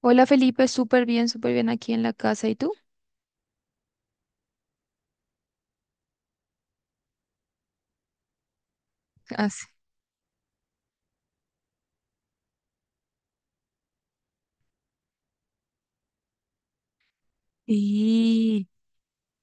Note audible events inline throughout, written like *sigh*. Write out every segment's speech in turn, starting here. Hola Felipe, súper bien aquí en la casa. ¿Y tú? Ah, sí. Y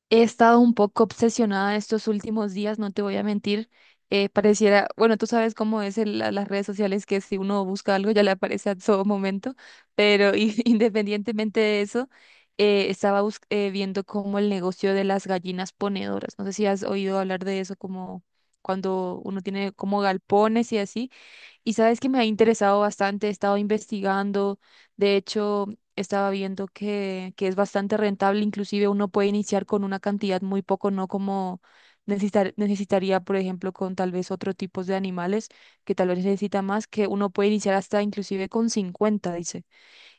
he estado un poco obsesionada estos últimos días, no te voy a mentir. Pareciera, bueno, tú sabes cómo es las redes sociales, que si uno busca algo ya le aparece a todo momento, pero *laughs* independientemente de eso, estaba viendo como el negocio de las gallinas ponedoras. No sé si has oído hablar de eso, como cuando uno tiene como galpones y así. Y sabes que me ha interesado bastante, he estado investigando, de hecho, estaba viendo que es bastante rentable, inclusive uno puede iniciar con una cantidad muy poco, no como necesitaría, por ejemplo, con tal vez otro tipo de animales que tal vez necesita más, que uno puede iniciar hasta inclusive con 50 dice,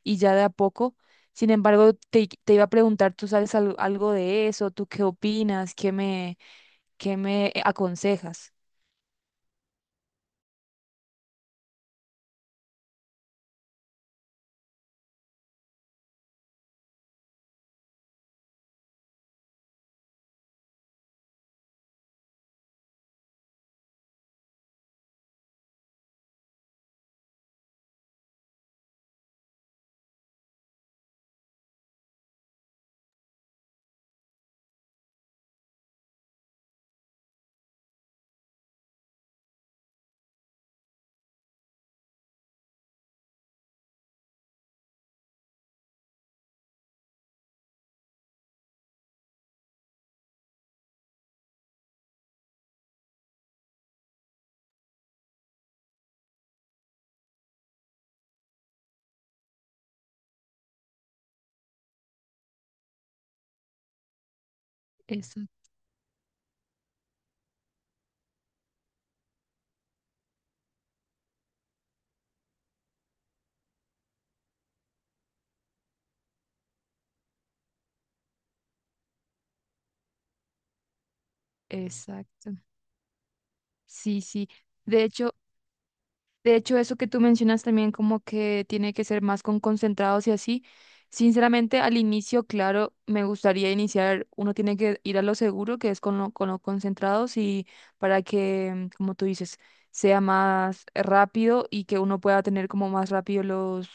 y ya de a poco. Sin embargo, te iba a preguntar, ¿tú sabes algo de eso? ¿Tú qué opinas? ¿Qué me aconsejas? Exacto. Exacto. Sí, sí. De hecho, De hecho, eso que tú mencionas también como que tiene que ser más con concentrados y así. Sinceramente, al inicio, claro, me gustaría iniciar, uno tiene que ir a lo seguro, que es con los concentrados y para que, como tú dices, sea más rápido y que uno pueda tener como más rápido los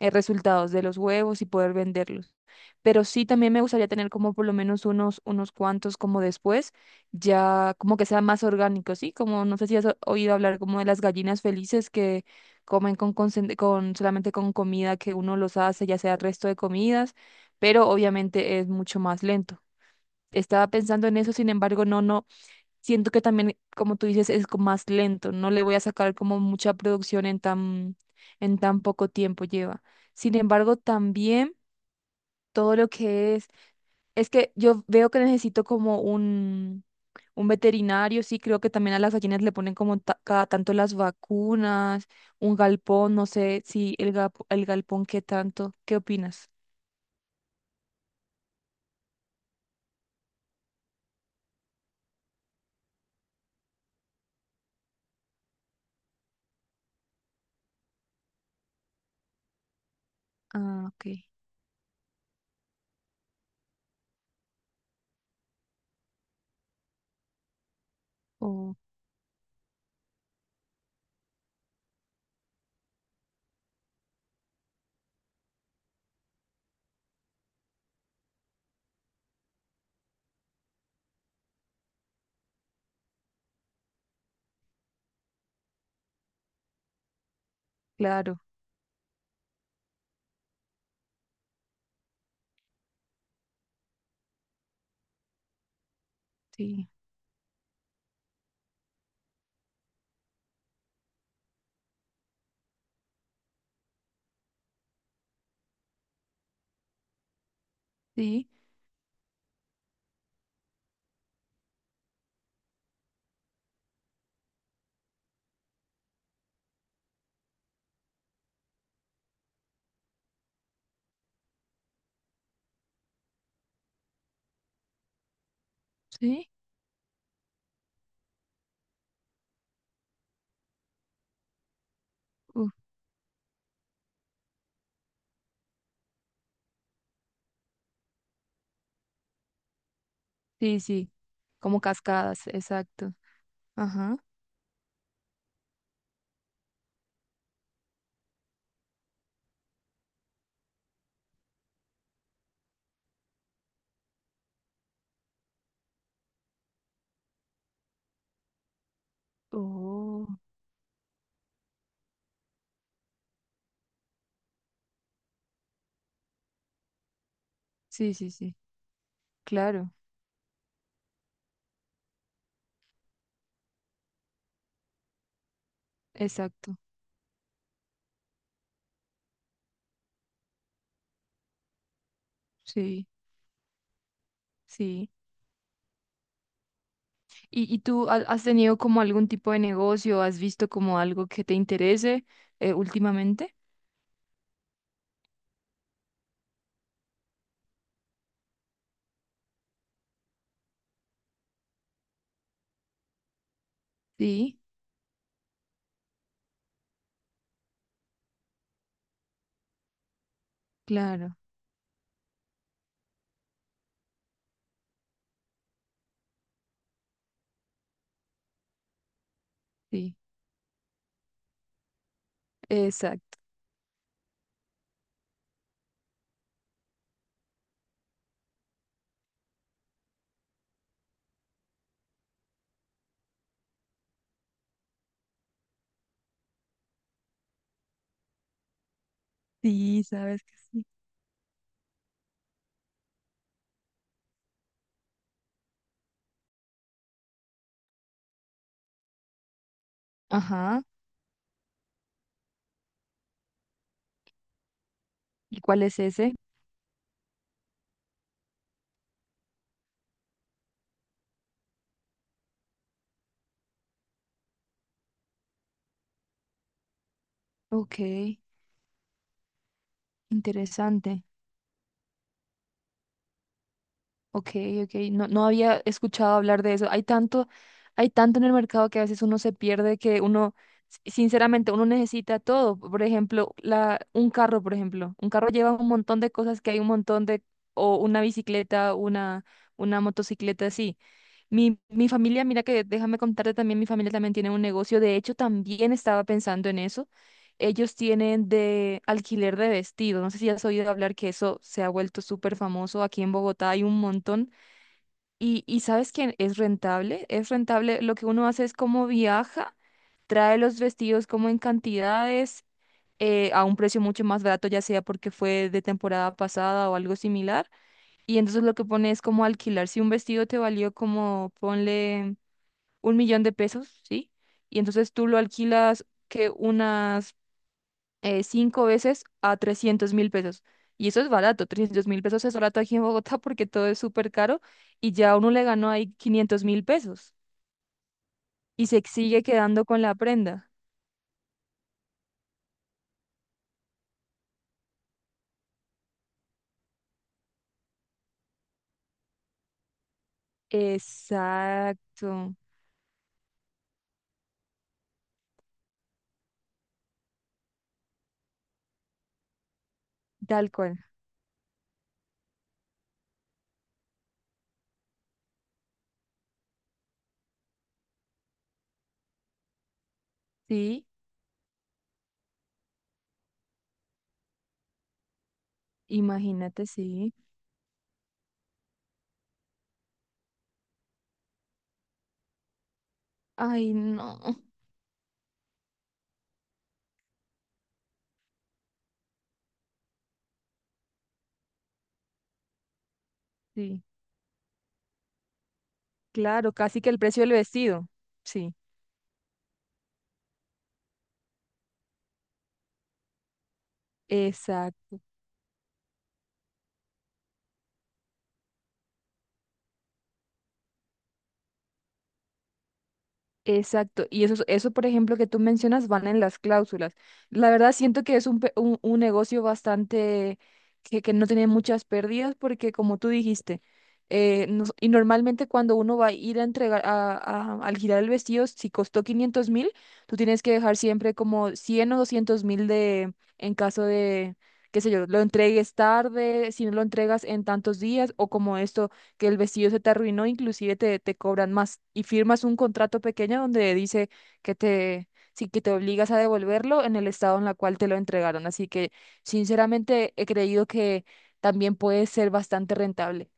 resultados de los huevos y poder venderlos. Pero sí, también me gustaría tener como por lo menos unos cuantos como después ya como que sea más orgánico, ¿sí? Como no sé si has oído hablar como de las gallinas felices que comen con solamente con comida que uno los hace, ya sea resto de comidas, pero obviamente es mucho más lento. Estaba pensando en eso, sin embargo, no, no, siento que también, como tú dices, es más lento, no le voy a sacar como mucha producción en tan poco tiempo lleva. Sin embargo, también todo lo que es que yo veo que necesito como un veterinario, sí, creo que también a las gallinas le ponen como cada tanto las vacunas, un galpón, no sé si el galpón qué tanto, ¿qué opinas? Ah, ok. Oh, claro, sí, sí, sí, uh, sí, sí, como cascadas, exacto. Ajá. Oh, sí, sí, sí, claro, exacto, sí, sí. ¿Y tú has tenido como algún tipo de negocio? ¿Has visto como algo que te interese últimamente? Sí, claro, sí, exacto. Sí, sabes que sí. Ajá. ¿Y cuál es ese? Ok, interesante. Ok, ok, no, no había escuchado hablar de eso. Hay tanto en el mercado que a veces uno se pierde que uno, sinceramente, uno necesita todo. Por ejemplo, un carro, por ejemplo. Un carro lleva un montón de cosas que hay un montón de, o una bicicleta, una motocicleta, sí. Mi familia, mira que déjame contarte también, mi familia también tiene un negocio. De hecho, también estaba pensando en eso. Ellos tienen de alquiler de vestidos. No sé si has oído hablar que eso se ha vuelto súper famoso aquí en Bogotá. Hay un montón. Y, ¿sabes quién es rentable? Es rentable. Lo que uno hace es como viaja, trae los vestidos como en cantidades, a un precio mucho más barato, ya sea porque fue de temporada pasada o algo similar. Y entonces lo que pone es como alquilar. Si un vestido te valió como, ponle 1 millón de pesos, ¿sí? Y entonces tú lo alquilas que unas cinco veces a 300.000 pesos. Y eso es barato, 300.000 pesos es barato aquí en Bogotá porque todo es súper caro y ya uno le ganó ahí 500.000 pesos y se sigue quedando con la prenda. Exacto, tal cual. Sí, imagínate, sí. Ay, no. Sí, claro, casi que el precio del vestido. Sí, exacto. Exacto, y eso, por ejemplo, que tú mencionas, van en las cláusulas. La verdad, siento que es un negocio bastante que no tiene muchas pérdidas, porque como tú dijiste, y normalmente cuando uno va a ir a entregar, al girar el vestido, si costó 500.000, tú tienes que dejar siempre como 100.000 o 200.000 de, en caso de, qué sé yo, lo entregues tarde, si no lo entregas en tantos días, o como esto que el vestido se te arruinó, inclusive te cobran más y firmas un contrato pequeño donde dice que te, sí, que te obligas a devolverlo en el estado en el cual te lo entregaron. Así que sinceramente he creído que también puede ser bastante rentable.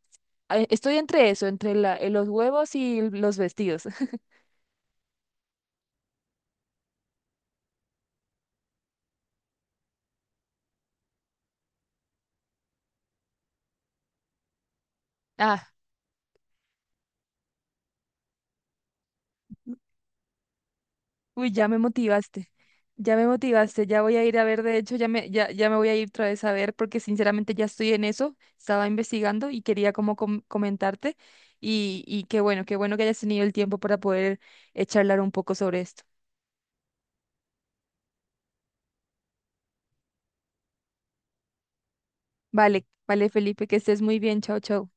Ah, estoy entre eso, entre los huevos y los vestidos. *laughs* ah Uy, ya me motivaste. Ya me motivaste, ya voy a ir a ver, de hecho, ya me voy a ir otra vez a ver porque sinceramente ya estoy en eso, estaba investigando y quería como comentarte y qué bueno que hayas tenido el tiempo para poder charlar un poco sobre esto. Vale, vale, Felipe, que estés muy bien, chao, chao.